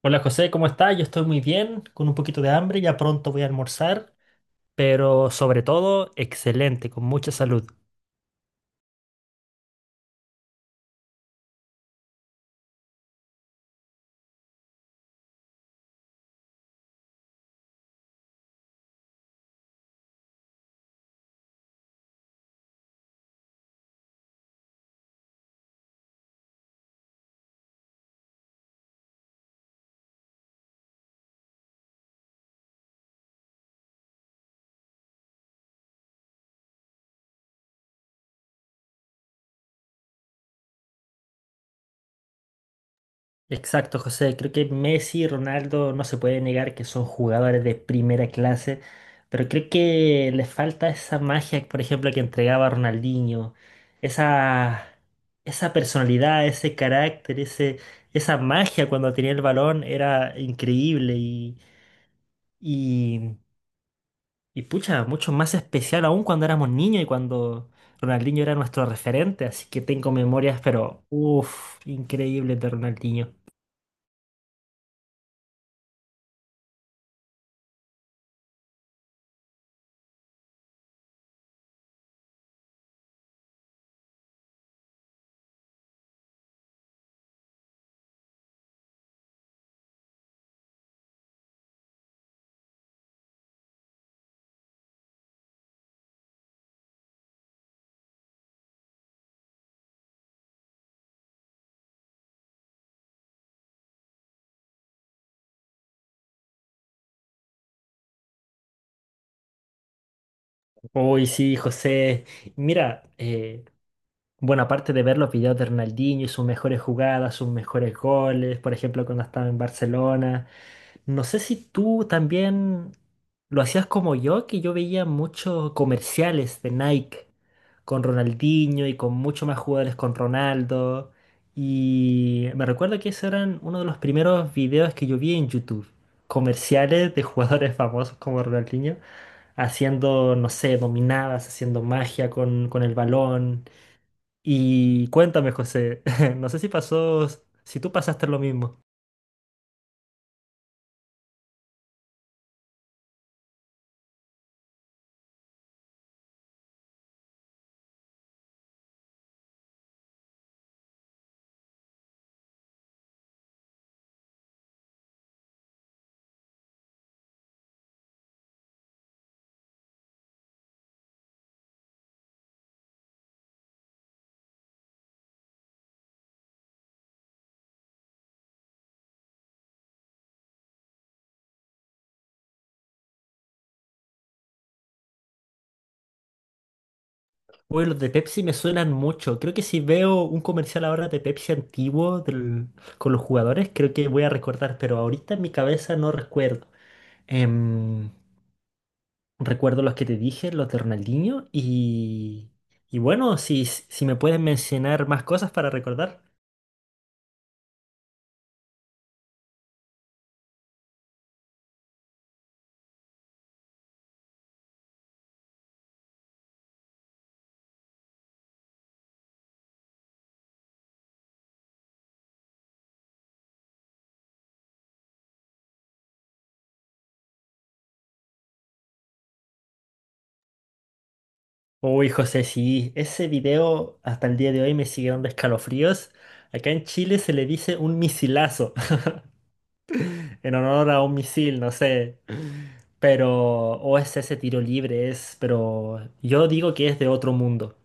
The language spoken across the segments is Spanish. Hola José, ¿cómo estás? Yo estoy muy bien, con un poquito de hambre, ya pronto voy a almorzar, pero sobre todo, excelente, con mucha salud. Exacto, José, creo que Messi y Ronaldo no se puede negar que son jugadores de primera clase, pero creo que les falta esa magia, por ejemplo, que entregaba Ronaldinho, esa, esa personalidad, ese carácter, ese, esa magia cuando tenía el balón era increíble y... Y Y pucha, mucho más especial aún cuando éramos niños y cuando Ronaldinho era nuestro referente, así que tengo memorias, pero uff, increíbles de Ronaldinho. Uy, sí, José. Mira, bueno, aparte de ver los videos de Ronaldinho y sus mejores jugadas, sus mejores goles, por ejemplo, cuando estaba en Barcelona. No sé si tú también lo hacías como yo, que yo veía muchos comerciales de Nike con Ronaldinho y con muchos más jugadores con Ronaldo. Y me recuerdo que esos eran uno de los primeros videos que yo vi en YouTube. Comerciales de jugadores famosos como Ronaldinho haciendo, no sé, dominadas, haciendo magia con el balón. Y cuéntame, José, no sé si pasó, si tú pasaste lo mismo. Uy, los de Pepsi me suenan mucho. Creo que si veo un comercial ahora de Pepsi antiguo del- con los jugadores, creo que voy a recordar, pero ahorita en mi cabeza no recuerdo. Em, Recuerdo los que te dije, los de Ronaldinho, y bueno, si, si me pueden mencionar más cosas para recordar. Uy, José, sí, ese video hasta el día de hoy me sigue dando escalofríos. Acá en Chile se le dice un misilazo, en honor a un misil, no sé. Pero, o es ese tiro libre, es, pero yo digo que es de otro mundo.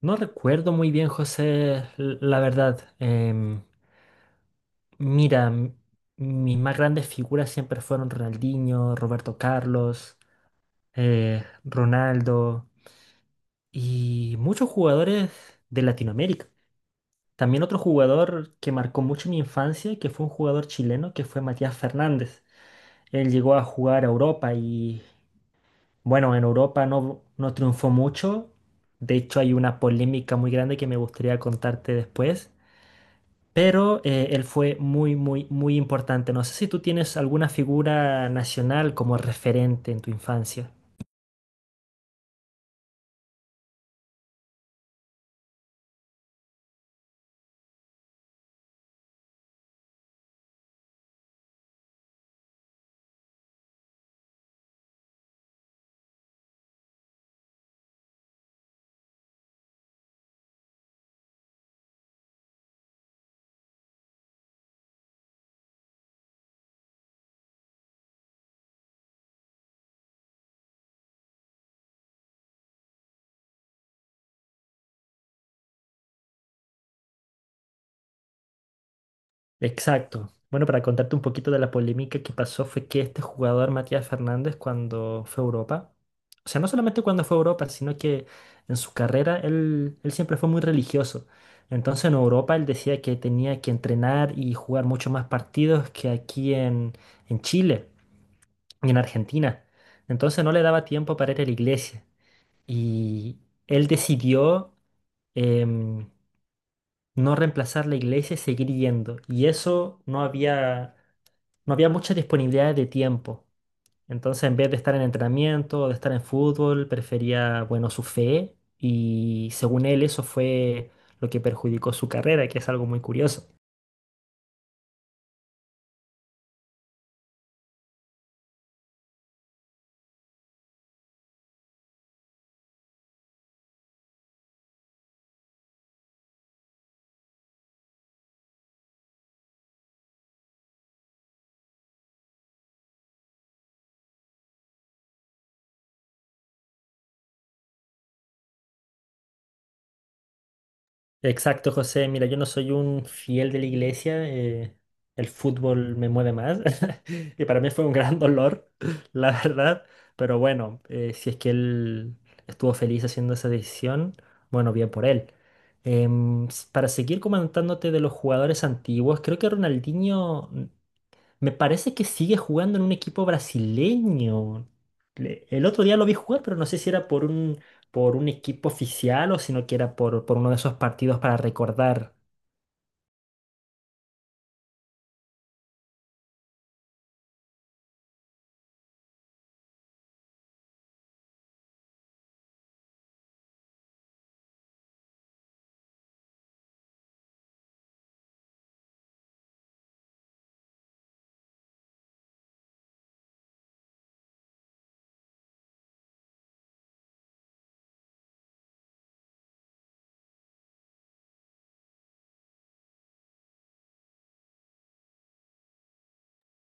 No recuerdo muy bien, José, l- la verdad. Mira, m- mis más grandes figuras siempre fueron Ronaldinho, Roberto Carlos, Ronaldo y muchos jugadores de Latinoamérica. También otro jugador que marcó mucho mi infancia, que fue un jugador chileno, que fue Matías Fernández. Él llegó a jugar a Europa y bueno, en Europa no, no triunfó mucho. De hecho, hay una polémica muy grande que me gustaría contarte después. Pero él fue muy, muy, muy importante. No sé si tú tienes alguna figura nacional como referente en tu infancia. Exacto. Bueno, para contarte un poquito de la polémica que pasó fue que este jugador, Matías Fernández, cuando fue a Europa, o sea, no solamente cuando fue a Europa, sino que en su carrera él siempre fue muy religioso. Entonces en Europa él decía que tenía que entrenar y jugar mucho más partidos que aquí en Chile y en Argentina. Entonces no le daba tiempo para ir a la iglesia. Y él decidió... em, no reemplazar la iglesia y seguir yendo. Y eso no había mucha disponibilidad de tiempo. Entonces, en vez de estar en entrenamiento, o de estar en fútbol, prefería, bueno, su fe y según él eso fue lo que perjudicó su carrera, que es algo muy curioso. Exacto, José. Mira, yo no soy un fiel de la iglesia. El fútbol me mueve más. Y para mí fue un gran dolor, la verdad. Pero bueno, si es que él estuvo feliz haciendo esa decisión, bueno, bien por él. S- para seguir comentándote de los jugadores antiguos, creo que Ronaldinho me parece que sigue jugando en un equipo brasileño. Le- El otro día lo vi jugar, pero no sé si era por un equipo oficial o sino que era por uno de esos partidos para recordar.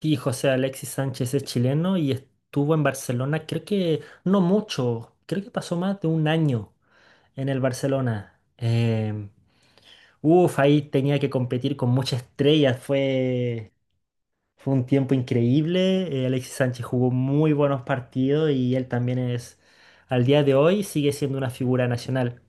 Sí, José, Alexis Sánchez es chileno y estuvo en Barcelona, creo que no mucho, creo que pasó más de un año en el Barcelona. Uf, ahí tenía que competir con muchas estrellas, fue... Fue un tiempo increíble. Alexis Sánchez jugó muy buenos partidos y él también es, al día de hoy, sigue siendo una figura nacional.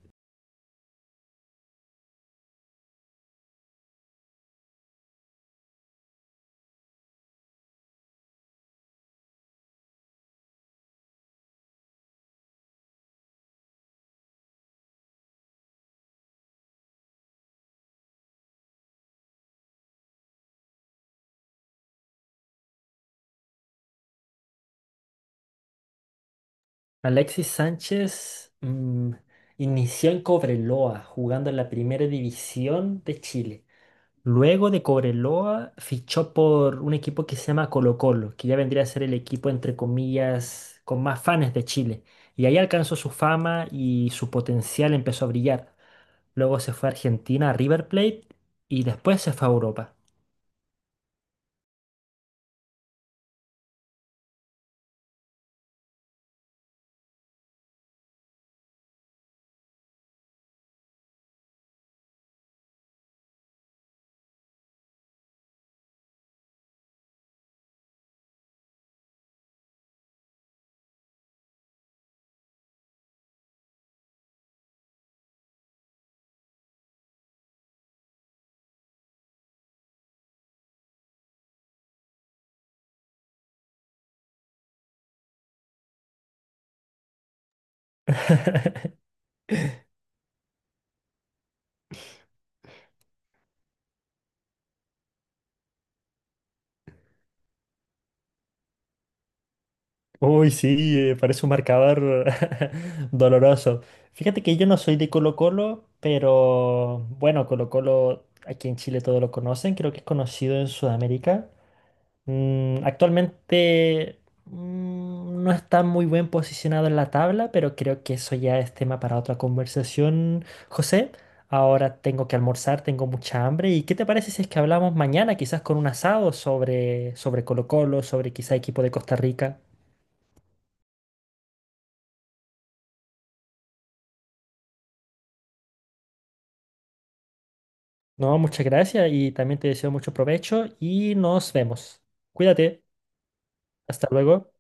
Alexis Sánchez inició en Cobreloa, jugando en la primera división de Chile. Luego de Cobreloa, fichó por un equipo que se llama Colo Colo, que ya vendría a ser el equipo, entre comillas, con más fans de Chile. Y ahí alcanzó su fama y su potencial empezó a brillar. Luego se fue a Argentina, a River Plate, y después se fue a Europa. Uy, sí, parece un marcador doloroso. Fíjate que yo no soy de Colo-Colo, pero bueno, Colo-Colo aquí en Chile todos lo conocen, creo que es conocido en Sudamérica. Actualmente no está muy bien posicionado en la tabla, pero creo que eso ya es tema para otra conversación, José. Ahora tengo que almorzar, tengo mucha hambre. ¿Y qué te parece si es que hablamos mañana, quizás con un asado sobre, sobre Colo-Colo, sobre quizá equipo de Costa Rica? No, muchas gracias y también te deseo mucho provecho y nos vemos. Cuídate. Hasta luego.